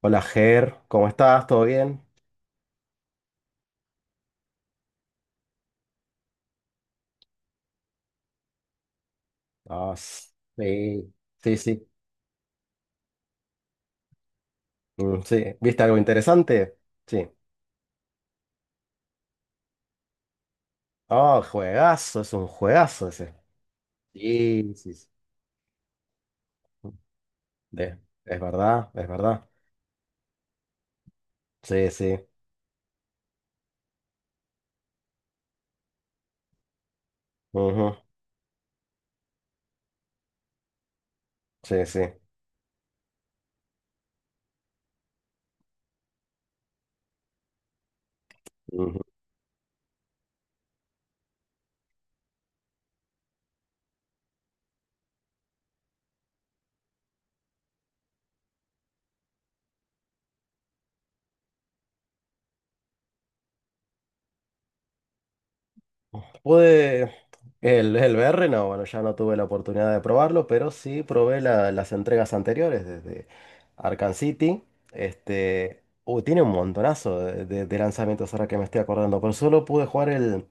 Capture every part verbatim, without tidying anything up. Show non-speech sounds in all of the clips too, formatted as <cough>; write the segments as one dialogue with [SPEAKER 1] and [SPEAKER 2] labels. [SPEAKER 1] Hola Ger, ¿cómo estás? ¿Todo bien? Ah, sí, sí, sí, mm, sí. ¿Viste algo interesante? Sí. Oh, juegazo, es un juegazo ese. Sí, sí, sí. De- es verdad, es verdad. Sí, sí. Ujú. Sí, sí. Pude el, el V R, no, bueno, ya no tuve la oportunidad de probarlo, pero sí probé la- las entregas anteriores desde Arkham City. Este, uy, tiene un montonazo de, de- de lanzamientos ahora que me estoy acordando, pero solo pude jugar el,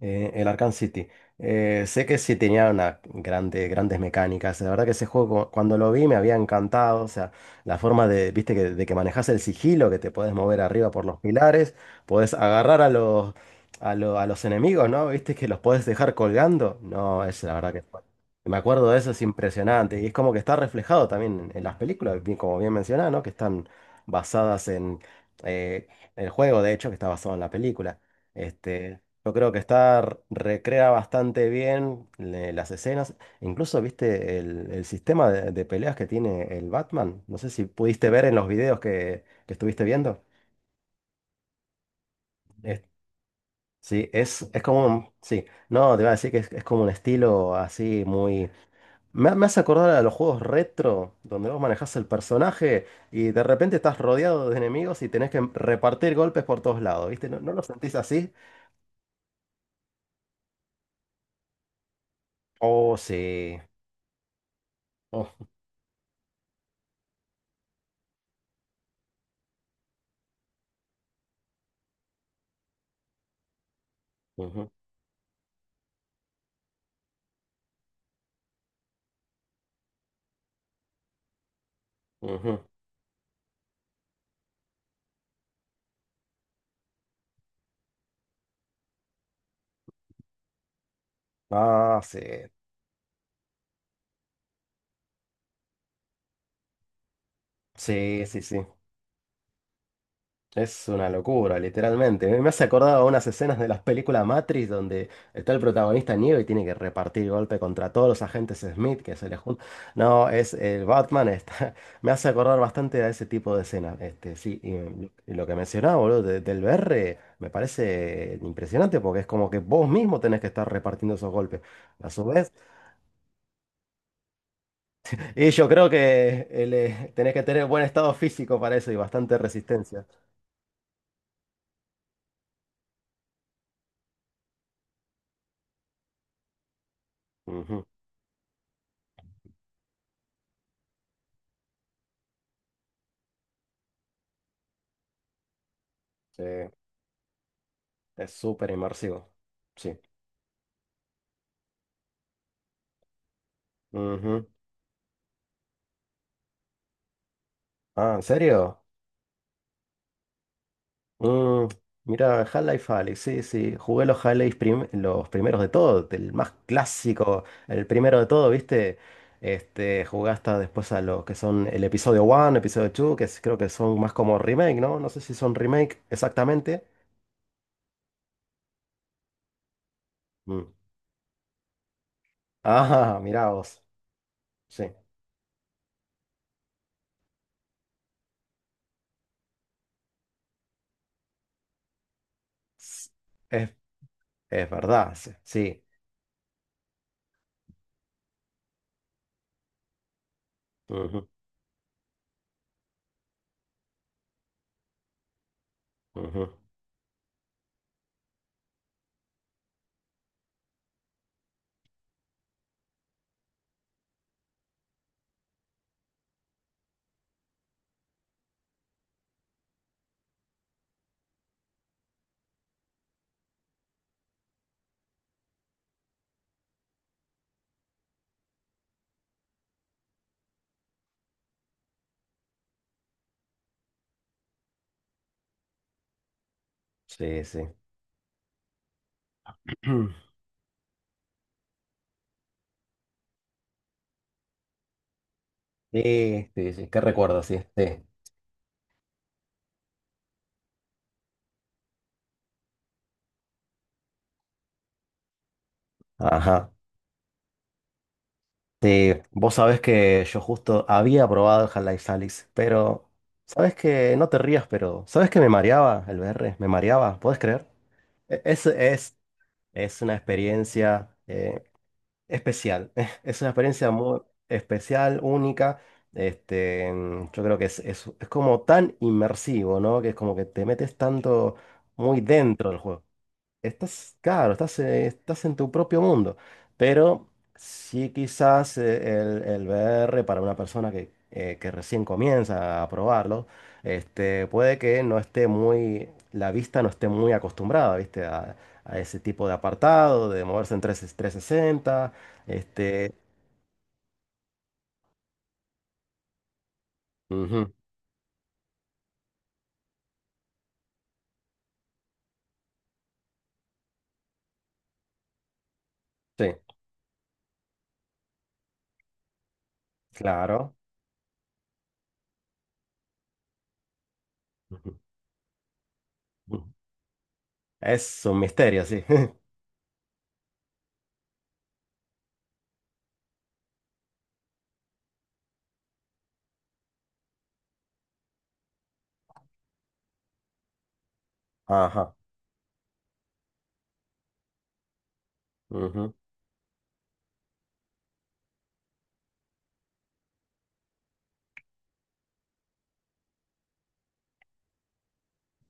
[SPEAKER 1] eh, el Arkham City. Eh, sé que sí tenía unas grandes grandes mecánicas. La verdad que ese juego, cu- cuando lo vi, me había encantado. O sea, la forma de, viste, que, de que manejas el sigilo, que te podés mover arriba por los pilares, podés agarrar a los, a lo- a los enemigos, ¿no? Viste que los podés dejar colgando. No, es la verdad que fue- Me acuerdo de eso, es impresionante. Y es como que está reflejado también en, en las películas, bien- como bien mencionaba, ¿no? Que están basadas en eh, el juego, de hecho, que está basado en la película. Este. Yo creo que está, recrea bastante bien le- las escenas. Incluso viste el, el sistema de, de peleas que tiene el Batman. No sé si pudiste ver en los videos que, que estuviste viendo. Es- sí, es, es como un- sí, no, te iba a decir que es, es como un estilo así muy. Me, me hace acordar a los juegos retro, donde vos manejás el personaje y de repente estás rodeado de enemigos y tenés que repartir golpes por todos lados, ¿viste? ¿No, no lo sentís así? Oh, sí. Oh. Ujú, ujú. Ah, sí, sí, sí, sí. Es una locura, literalmente. Me me hace acordar a unas escenas de las películas Matrix donde está el protagonista Neo y tiene que repartir golpe contra todos los agentes Smith que se le juntan. No, es el Batman. Está. <laughs> Me hace acordar bastante a ese tipo de escenas. Este, sí, y, mm, y lo que mencionaba, boludo, de- del B R me parece impresionante porque es como que vos mismo tenés que estar repartiendo esos golpes. A su vez, y yo creo que eh, le- tenés que tener buen estado físico para eso y bastante resistencia. Ujú. Sí, es súper inmersivo. Sí. Ujú. Ah, ¿en serio? Mm, mira, Half-Life Alyx, sí, sí. Jugué los Half-Life prim- los primeros de todo, el más clásico, el primero de todo, ¿viste? Este, jugué hasta después a lo que son el episodio uno, episodio dos, que es- creo que son más como remake, ¿no? No sé si son remake exactamente. Mm. Ah, mirá vos. Sí. S- Es, es verdad, sí. Sí. Ujú, ujú. Sí, sí. <clears throat> Sí, sí, sí, qué recuerdo, sí, sí. Ajá. Sí, vos sabés que yo justo había probado el Half-Life Alyx, pero sabés que no te rías, pero sabés que me mareaba el V R, me mareaba, ¿podés creer? E- Es, es, es una experiencia eh, especial, <laughs> es una experiencia muy especial, única. Este, mm, yo creo que es, es, es como tan inmersivo, ¿no? Que es como que te metes tanto muy dentro del juego. Estás, claro, estás, eh, estás en tu propio mundo, pero sí quizás eh, el, el V R para una persona que, eh, que recién comienza a probarlo, este, puede que no esté muy, la vista no esté muy acostumbrada, ¿viste? A, a ese tipo de apartado, de moverse en trescientos sesenta este, ujú, sí, claro, ujú, ujú. Es un misterio, sí. <laughs> Ajá, ujú,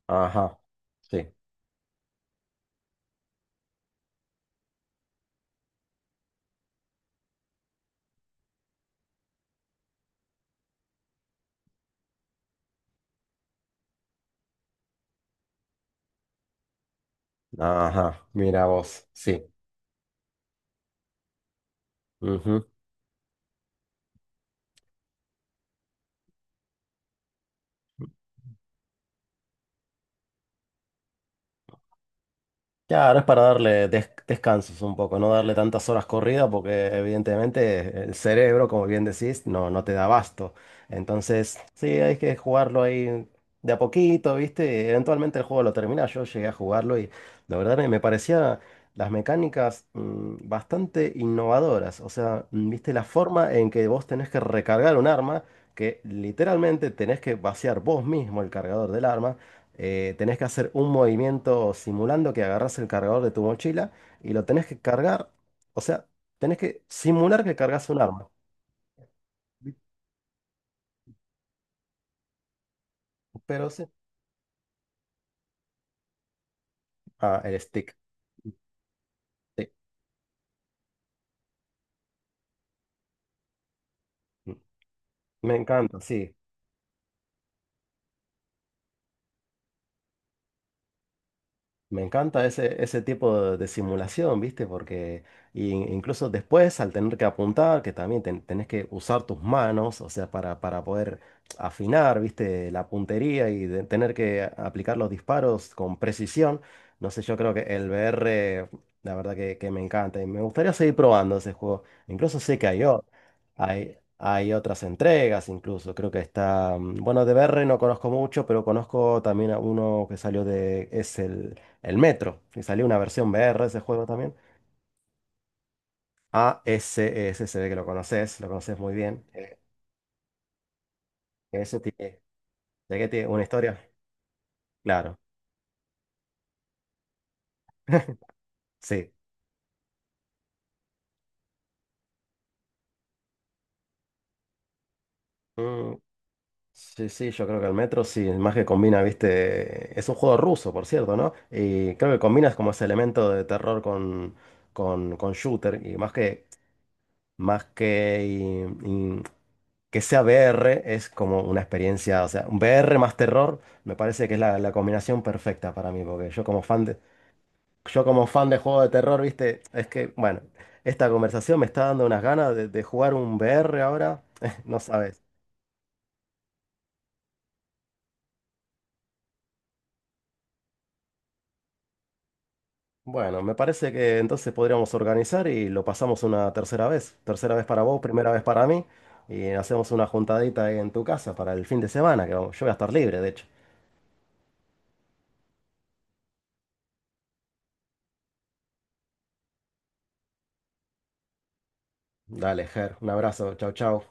[SPEAKER 1] ajá, sí, ajá, mira vos, sí. Ujú. Claro, es para darle des- descansos un poco, no darle tantas horas corridas porque evidentemente el cerebro, como bien decís, no, no te da abasto. Entonces, sí, hay que jugarlo ahí de a poquito, ¿viste? Eventualmente el juego lo termina. Yo llegué a jugarlo y la verdad me, me parecía las mecánicas mm, bastante innovadoras. O sea, mm, ¿viste? La forma en que vos tenés que recargar un arma, que literalmente tenés que vaciar vos mismo el cargador del arma. Eh, tenés que hacer un movimiento simulando que agarras el cargador de tu mochila y lo tenés que cargar. O sea, tenés que simular que cargas un arma. Pero sí. Ah, el stick. Sí. Me encanta, sí. Me encanta ese, ese tipo de, de simulación, ¿viste? Porque in- incluso después, al tener que apuntar, que también ten- tenés que usar tus manos, o sea, para, para poder afinar, ¿viste? La puntería y de- tener que a- aplicar los disparos con precisión. No sé, yo creo que el V R, la verdad que, que me encanta y me gustaría seguir probando ese juego. Incluso sé que hay, o- hay, hay otras entregas, incluso creo que está, mm, bueno, de V R no conozco mucho, pero conozco también a uno que salió de, es el el Metro, y salió una versión V R de ese juego también. A ese, ese se ve que lo conoces, lo conoces muy bien. Eh, Ese tiene, ¿de qué tiene una historia? Claro, <laughs> sí. Mm, sí, sí, yo creo que el Metro sí, más que combina, viste, es un juego ruso, por cierto, ¿no? Y creo que combinas como ese elemento de terror con, con, con shooter, y más que, más que, y- y que sea V R, es como una experiencia, o sea, un V R más terror, me parece que es la, la combinación perfecta para mí, porque yo como fan Yo como fan de juego de terror, viste, es que, bueno, esta conversación me está dando unas ganas de, de jugar un V R ahora, <laughs> no sabes. Bueno, me parece que entonces podríamos organizar y lo pasamos una tercera vez. Tercera vez para vos, primera vez para mí. Y hacemos una juntadita ahí en tu casa para el fin de semana, que vamos- yo voy a estar libre, de hecho. Dale, Ger, un abrazo, chau, chau.